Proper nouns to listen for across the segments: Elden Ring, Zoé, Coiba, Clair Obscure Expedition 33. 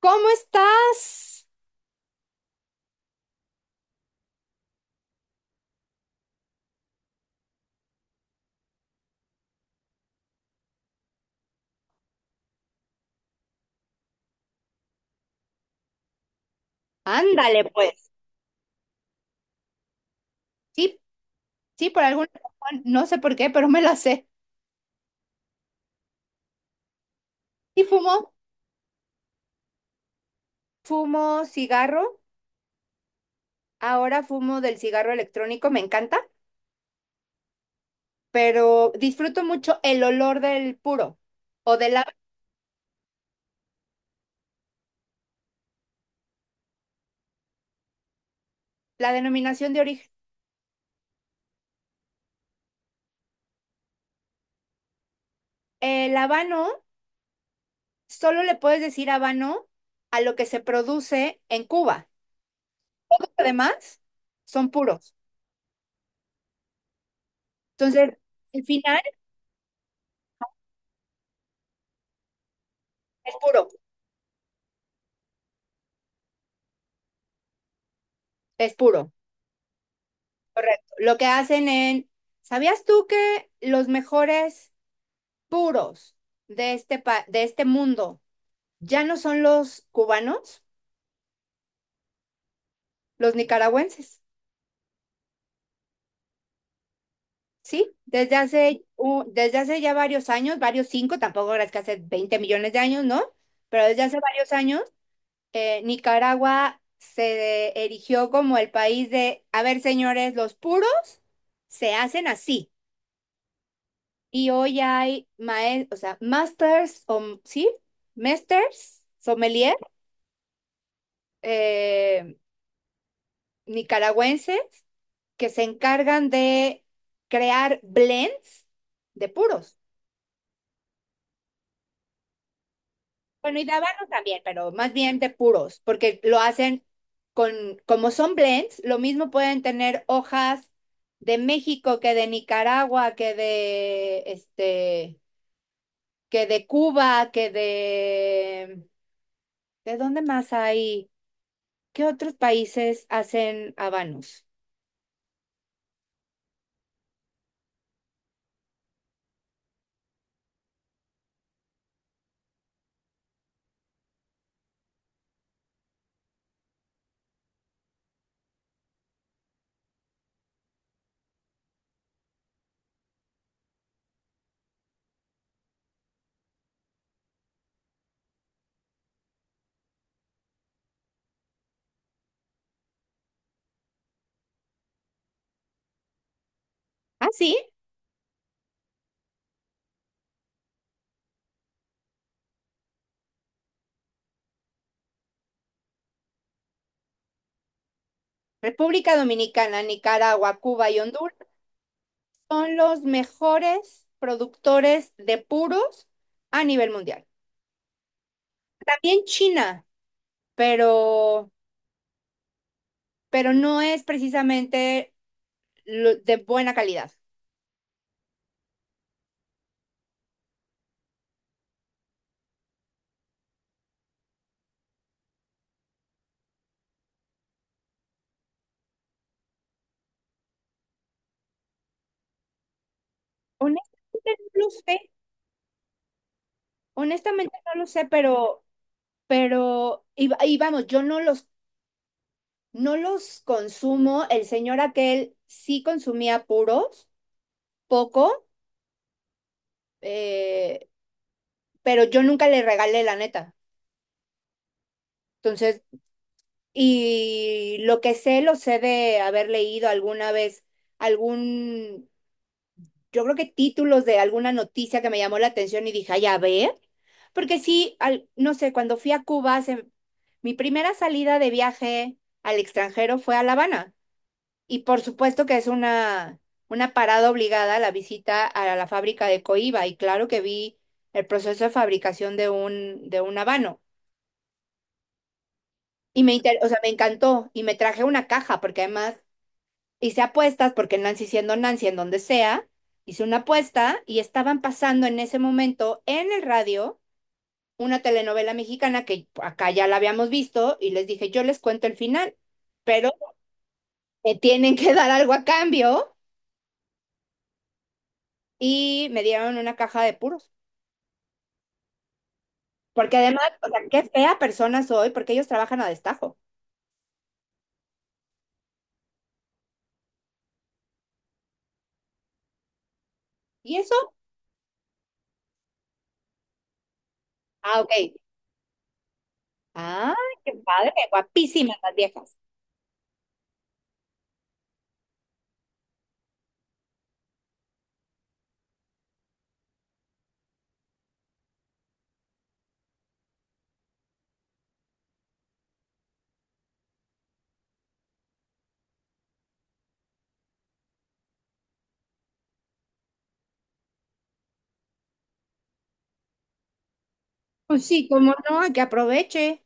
¿Cómo estás? Ándale, pues. Sí, sí, por alguna razón, no sé por qué, pero me la sé. ¿Y fumo? Fumo cigarro. Ahora fumo del cigarro electrónico, me encanta, pero disfruto mucho el olor del puro o de la denominación de origen. El habano, solo le puedes decir habano a lo que se produce en Cuba. Además, son puros. Entonces, el final es puro, es puro. Correcto. Lo que hacen en, ¿sabías tú que los mejores puros de este mundo ya no son los cubanos, los nicaragüenses? Sí, desde hace ya varios años, varios cinco, tampoco es que hace 20 millones de años, ¿no? Pero desde hace varios años, Nicaragua se erigió como el país de, a ver, señores, los puros se hacen así. Y hoy o sea, masters, o, sí, masters, sommelier, eh, nicaragüenses, que se encargan de crear blends de puros. Bueno, y de habanos también, pero más bien de puros, porque lo hacen con, como son blends, lo mismo pueden tener hojas de México que de Nicaragua, que de, que de Cuba, que ¿de dónde más hay? ¿Qué otros países hacen habanos? Ah, sí. República Dominicana, Nicaragua, Cuba y Honduras son los mejores productores de puros a nivel mundial. También China, pero, pero no es precisamente de buena calidad. Honestamente no lo sé, honestamente no lo sé, pero, y vamos, yo no los consumo. El señor aquel sí consumía puros, poco. eh, pero yo nunca le regalé la neta. Entonces, y lo que sé, lo sé de haber leído alguna vez algún, yo creo que títulos de alguna noticia que me llamó la atención y dije, ay, a ver, porque sí, no sé, cuando fui a Cuba, se- mi primera salida de viaje al extranjero fue a La Habana. Y por supuesto que es una parada obligada la visita a la fábrica de Coiba. Y claro que vi el proceso de fabricación de de un habano. Y o sea, me encantó y me traje una caja porque además hice apuestas porque Nancy siendo Nancy en donde sea, hice una apuesta y estaban pasando en ese momento en el radio una telenovela mexicana que acá ya la habíamos visto y les dije, yo les cuento el final, pero me tienen que dar algo a cambio y me dieron una caja de puros. Porque además, o sea, qué fea persona soy porque ellos trabajan a destajo. ¿Y eso? Ah, ok. Ah, qué padre, guapísimas las viejas. Pues sí, como no, que aproveche.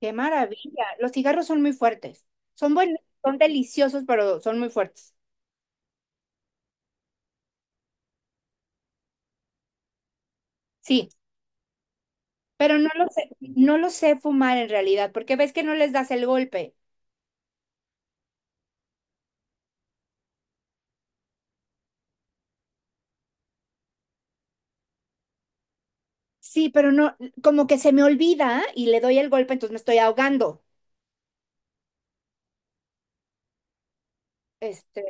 Qué maravilla. Los cigarros son muy fuertes. Son buenos, son deliciosos, pero son muy fuertes. Sí, pero no lo sé, no lo sé fumar en realidad, porque ves que no les das el golpe. Sí, pero no, como que se me olvida y le doy el golpe, entonces me estoy ahogando. Este,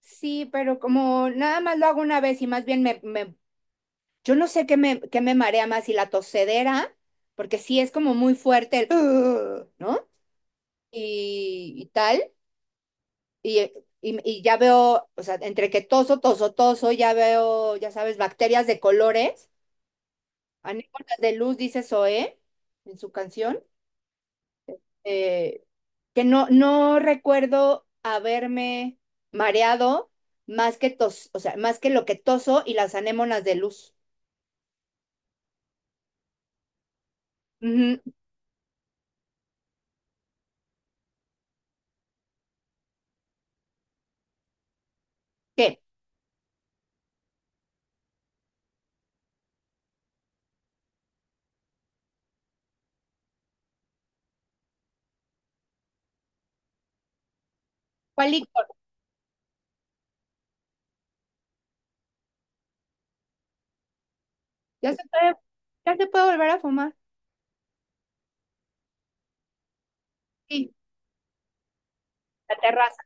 sí, pero como nada más lo hago una vez y más bien yo no sé qué me marea más, si la tosedera, porque sí es como muy fuerte el, "Ugh", ¿no? Y tal. Y, y ya veo, o sea, entre que toso, toso, toso, ya veo, ya sabes, bacterias de colores, anémonas de luz, dice Zoé en su canción, eh, que no, no recuerdo haberme mareado más que tos, o sea, más que lo que toso y las anémonas de luz. Ujú. ¿Qué? ¿Cuál licor? Ya se puede, ya se puede volver a fumar. Sí, la terraza.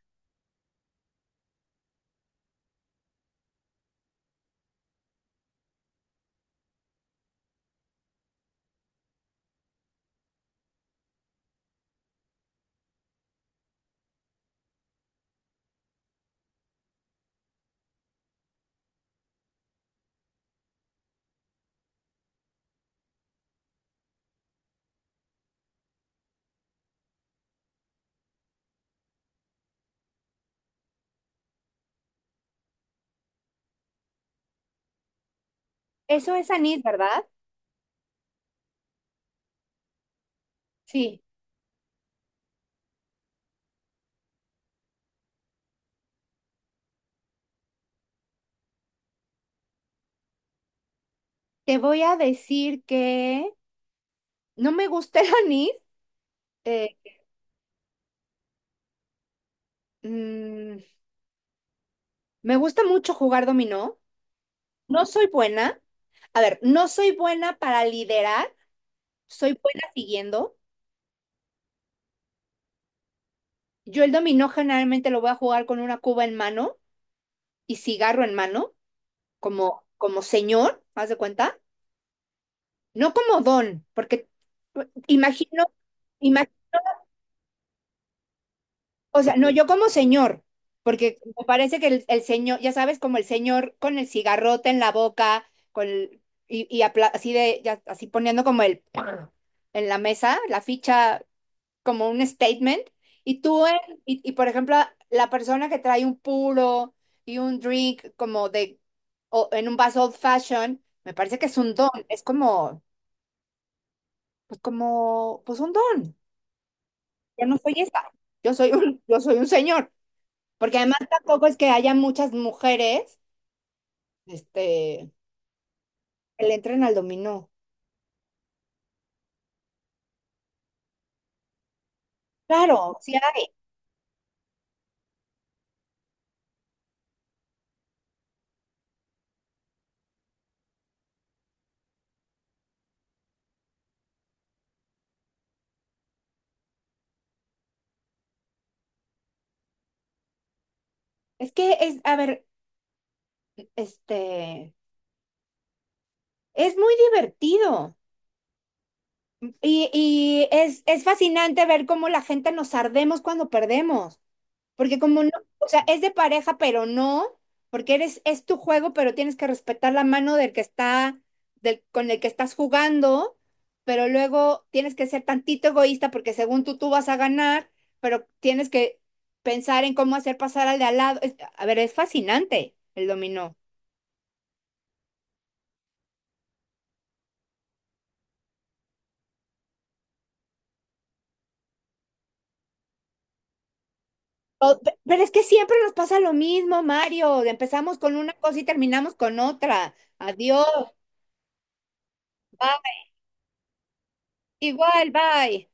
Eso es anís, ¿verdad? Sí. Te voy a decir que no me gusta el anís. Eh, mm, me gusta mucho jugar dominó. No soy buena. A ver, no soy buena para liderar, soy buena siguiendo. Yo el dominó generalmente lo voy a jugar con una cuba en mano y cigarro en mano, como, como señor, haz de cuenta. No como don, porque imagino, imagino. O sea, no, yo como señor, porque me parece que el señor, ya sabes, como el señor con el cigarrote en la boca, con el- y, así de, así poniendo como el en la mesa, la ficha como un statement, y tú, y por ejemplo, la persona que trae un puro y un drink como de, o en un vaso old fashion, me parece que es un don, es como, pues un don, yo no soy esa, yo soy yo soy un señor. Porque además tampoco es que haya muchas mujeres, este, que le entren al dominó. Claro, sí hay. Es que es, a ver, este, es muy divertido y es fascinante ver cómo la gente nos ardemos cuando perdemos. Porque como no, o sea, es de pareja, pero no, porque eres, es tu juego, pero tienes que respetar la mano del que está, del, con el que estás jugando, pero luego tienes que ser tantito egoísta porque según tú, tú vas a ganar, pero tienes que pensar en cómo hacer pasar al de al lado. A ver, es fascinante el dominó. Pero es que siempre nos pasa lo mismo, Mario. Empezamos con una cosa y terminamos con otra. Adiós, bye, igual, bye.